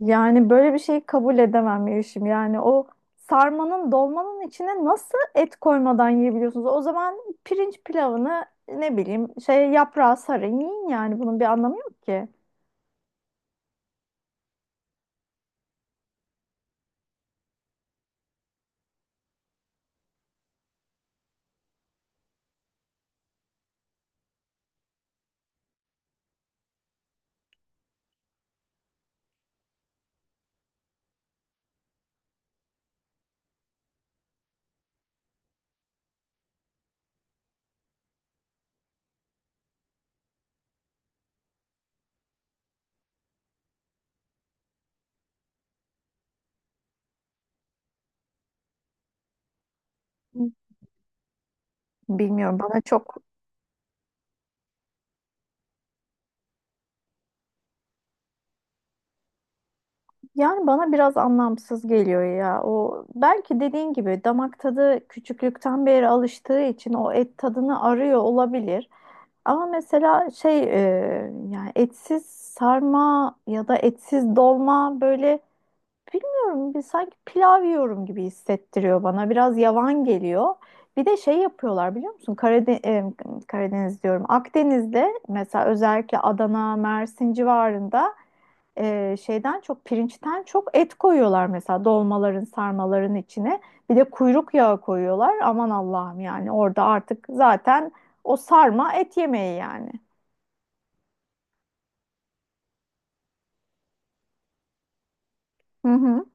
Yani böyle bir şeyi kabul edemem Yeşim. Yani o sarmanın dolmanın içine nasıl et koymadan yiyebiliyorsunuz? O zaman pirinç pilavını ne bileyim şey yaprağı sarın yiyin, yani bunun bir anlamı yok ki. Bilmiyorum, bana çok, yani bana biraz anlamsız geliyor ya. O belki dediğin gibi damak tadı küçüklükten beri alıştığı için o et tadını arıyor olabilir. Ama mesela şey yani etsiz sarma ya da etsiz dolma, böyle bilmiyorum, bir sanki pilav yiyorum gibi hissettiriyor bana. Biraz yavan geliyor. Bir de şey yapıyorlar, biliyor musun? Karadeniz diyorum. Akdeniz'de mesela özellikle Adana, Mersin civarında şeyden çok, pirinçten çok et koyuyorlar mesela dolmaların, sarmaların içine. Bir de kuyruk yağı koyuyorlar. Aman Allah'ım, yani orada artık zaten o sarma et yemeği yani. Hı hı.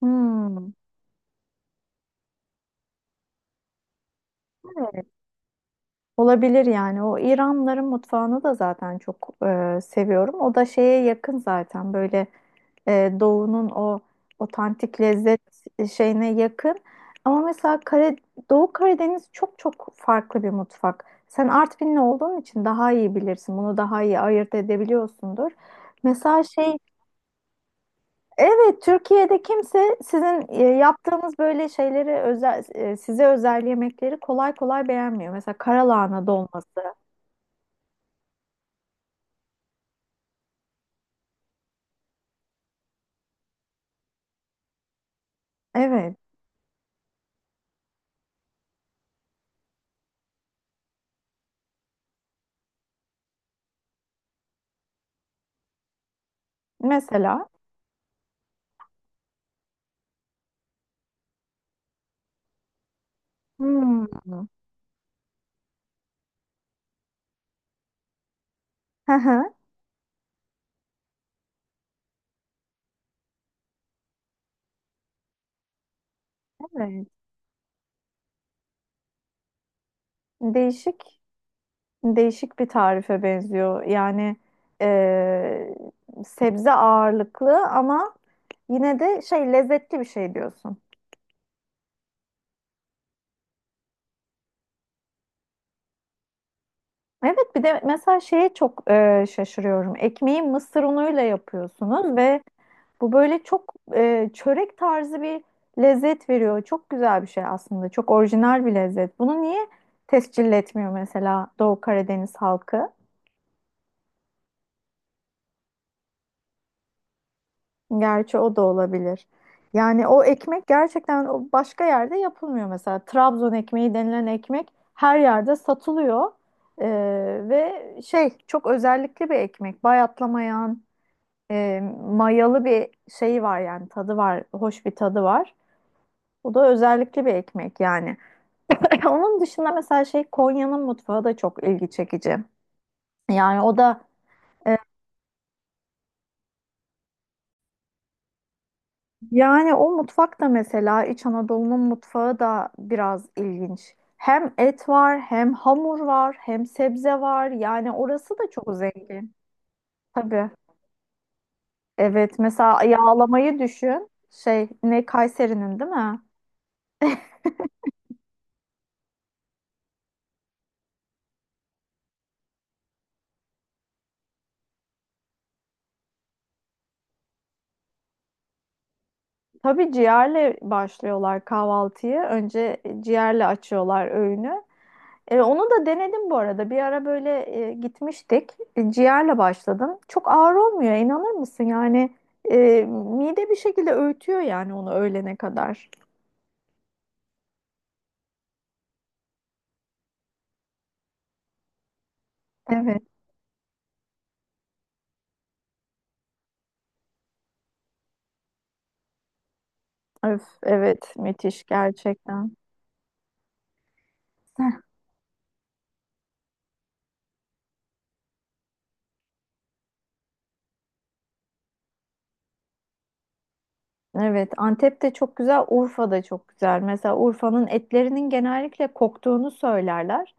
Hmm. Olabilir yani. O İranların mutfağını da zaten çok seviyorum. O da şeye yakın zaten, böyle doğunun o otantik lezzet şeyine yakın. Ama mesela Doğu Karadeniz çok çok farklı bir mutfak. Sen Artvinli olduğun için daha iyi bilirsin. Bunu daha iyi ayırt edebiliyorsundur. Mesela şey Evet, Türkiye'de kimse sizin yaptığınız böyle şeyleri, özel size özel yemekleri kolay kolay beğenmiyor. Mesela karalahana dolması. Evet. Mesela. Hmm. Hı hı. Evet. Değişik, değişik bir tarife benziyor. Yani eee, sebze ağırlıklı ama yine de şey, lezzetli bir şey diyorsun. Evet, bir de mesela şeye çok şaşırıyorum. Ekmeği mısır unuyla yapıyorsunuz ve bu böyle çok çörek tarzı bir lezzet veriyor. Çok güzel bir şey aslında. Çok orijinal bir lezzet. Bunu niye tescil etmiyor mesela Doğu Karadeniz halkı? Gerçi o da olabilir. Yani o ekmek gerçekten o başka yerde yapılmıyor mesela. Trabzon ekmeği denilen ekmek her yerde satılıyor. Ee, ve şey, çok özellikli bir ekmek. Bayatlamayan, mayalı bir şeyi var, yani tadı var, hoş bir tadı var. Bu da özellikli bir ekmek yani. Onun dışında mesela şey, Konya'nın mutfağı da çok ilgi çekici. Yani o da Yani o mutfak da mesela İç Anadolu'nun mutfağı da biraz ilginç. Hem et var, hem hamur var, hem sebze var. Yani orası da çok zengin. Tabii. Evet, mesela yağlamayı düşün. Şey, ne Kayseri'nin değil mi? Tabii, ciğerle başlıyorlar kahvaltıyı. Önce ciğerle açıyorlar öğünü. Onu da denedim bu arada. Bir ara böyle gitmiştik. Ciğerle başladım. Çok ağır olmuyor, inanır mısın? Yani e, mide bir şekilde öğütüyor yani onu öğlene kadar. Evet. Öf, evet, müthiş gerçekten. Evet, Antep de çok güzel, Urfa da çok güzel. Mesela Urfa'nın etlerinin genellikle koktuğunu söylerler.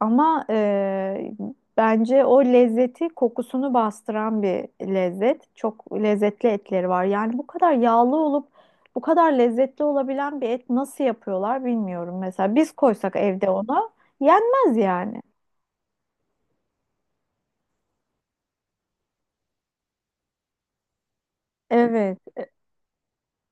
Ama bence o lezzeti kokusunu bastıran bir lezzet. Çok lezzetli etleri var. Yani bu kadar yağlı olup bu kadar lezzetli olabilen bir et nasıl yapıyorlar bilmiyorum. Mesela biz koysak evde ona yenmez yani. Evet,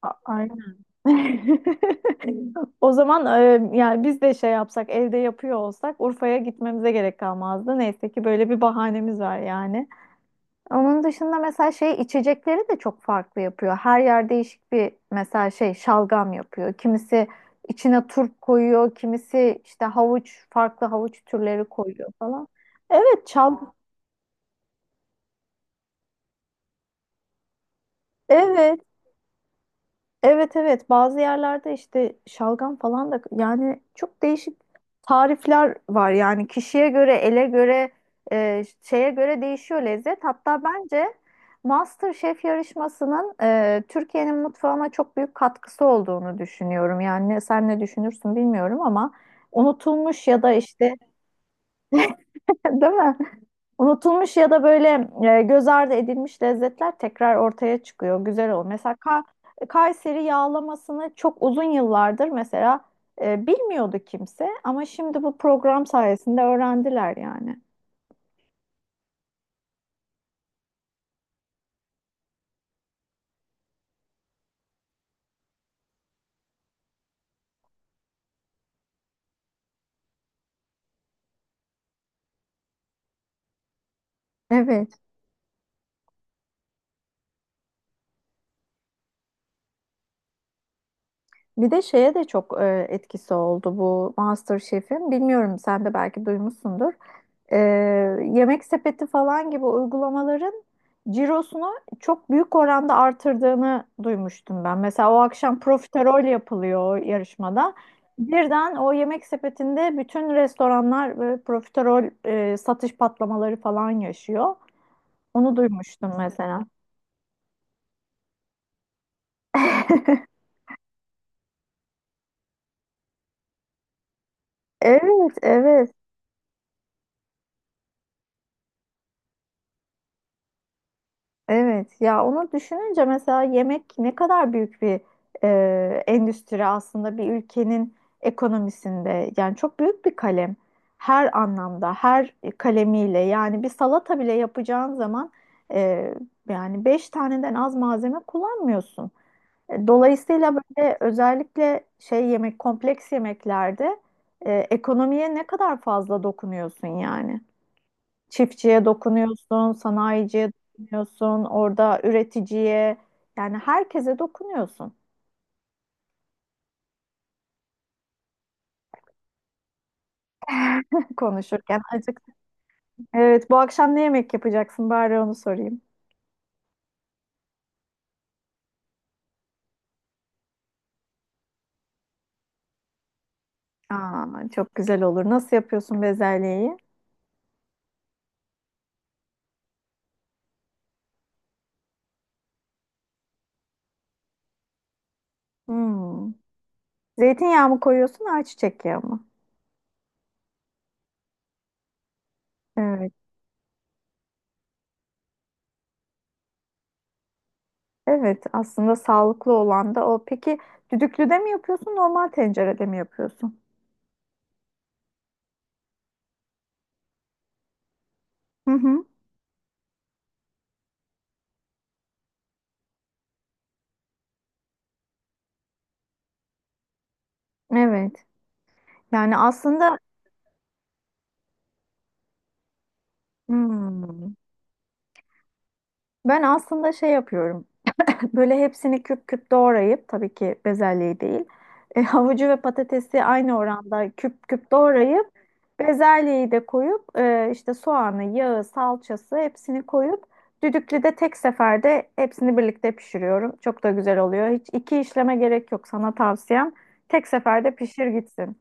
aynen. O zaman yani biz de şey yapsak, evde yapıyor olsak Urfa'ya gitmemize gerek kalmazdı. Neyse ki böyle bir bahanemiz var yani. Onun dışında mesela şey, içecekleri de çok farklı yapıyor. Her yer değişik bir, mesela şey, şalgam yapıyor. Kimisi içine turp koyuyor, kimisi işte havuç, farklı havuç türleri koyuyor falan. Evet, evet. Evet, evet, bazı yerlerde işte şalgam falan da, yani çok değişik tarifler var yani, kişiye göre, ele göre, şeye göre değişiyor lezzet. Hatta bence MasterChef yarışmasının Türkiye'nin mutfağına çok büyük katkısı olduğunu düşünüyorum. Yani sen ne düşünürsün bilmiyorum ama unutulmuş ya da işte değil mi? Unutulmuş ya da böyle göz ardı edilmiş lezzetler tekrar ortaya çıkıyor. Güzel oluyor. Mesela Kayseri yağlamasını çok uzun yıllardır mesela bilmiyordu kimse, ama şimdi bu program sayesinde öğrendiler yani. Evet. Bir de şeye de çok etkisi oldu bu MasterChef'in. Bilmiyorum, sen de belki duymuşsundur. E, Yemek Sepeti falan gibi uygulamaların cirosunu çok büyük oranda artırdığını duymuştum ben. Mesela o akşam profiterol yapılıyor o yarışmada. Birden o Yemek Sepeti'nde bütün restoranlar profiterol satış patlamaları falan yaşıyor. Onu duymuştum mesela. Evet, evet. Evet ya, onu düşününce mesela yemek ne kadar büyük bir endüstri aslında bir ülkenin ekonomisinde, yani çok büyük bir kalem, her anlamda, her kalemiyle, yani bir salata bile yapacağın zaman e, yani beş taneden az malzeme kullanmıyorsun. Dolayısıyla böyle, özellikle şey, yemek kompleks yemeklerde ekonomiye ne kadar fazla dokunuyorsun yani. Çiftçiye dokunuyorsun, sanayiciye dokunuyorsun, orada üreticiye, yani herkese dokunuyorsun. Konuşurken acıktım. Evet, bu akşam ne yemek yapacaksın? Bari onu sorayım. Aa, çok güzel olur. Nasıl yapıyorsun bezelyeyi? Hmm. Zeytinyağı mı koyuyorsun, ayçiçek yağı mı? Evet, evet. Aslında sağlıklı olan da o. Peki düdüklüde mi yapıyorsun, normal tencerede mi yapıyorsun? Hı hı. Evet. Yani aslında, hmm, ben aslında şey yapıyorum. Böyle hepsini küp küp doğrayıp, tabii ki bezelyeyi değil. Havucu ve patatesi aynı oranda küp küp doğrayıp, bezelyeyi de koyup, işte soğanı, yağı, salçası hepsini koyup düdüklüde tek seferde hepsini birlikte pişiriyorum. Çok da güzel oluyor. Hiç iki işleme gerek yok, sana tavsiyem. Tek seferde pişir gitsin.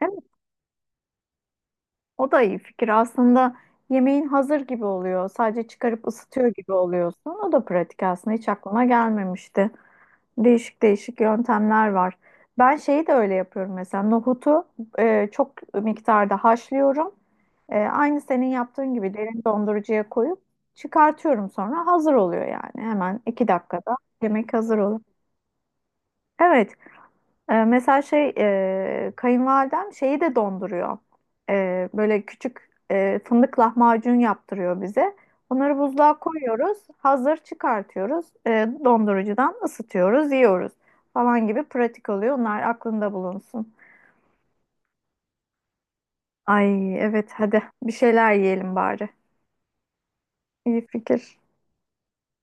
Evet, o da iyi fikir. Aslında yemeğin hazır gibi oluyor. Sadece çıkarıp ısıtıyor gibi oluyorsun. O da pratik aslında. Hiç aklıma gelmemişti. Değişik değişik yöntemler var. Ben şeyi de öyle yapıyorum mesela. Nohutu çok miktarda haşlıyorum. Aynı senin yaptığın gibi derin dondurucuya koyup çıkartıyorum, sonra hazır oluyor yani. Hemen 2 dakikada yemek hazır olur. Evet, mesela şey, kayınvalidem şeyi de donduruyor. Böyle küçük fındık lahmacun yaptırıyor bize. Onları buzluğa koyuyoruz, hazır çıkartıyoruz, dondurucudan ısıtıyoruz, yiyoruz falan, gibi pratik oluyor. Onlar aklında bulunsun. Ay evet, hadi bir şeyler yiyelim bari. İyi fikir.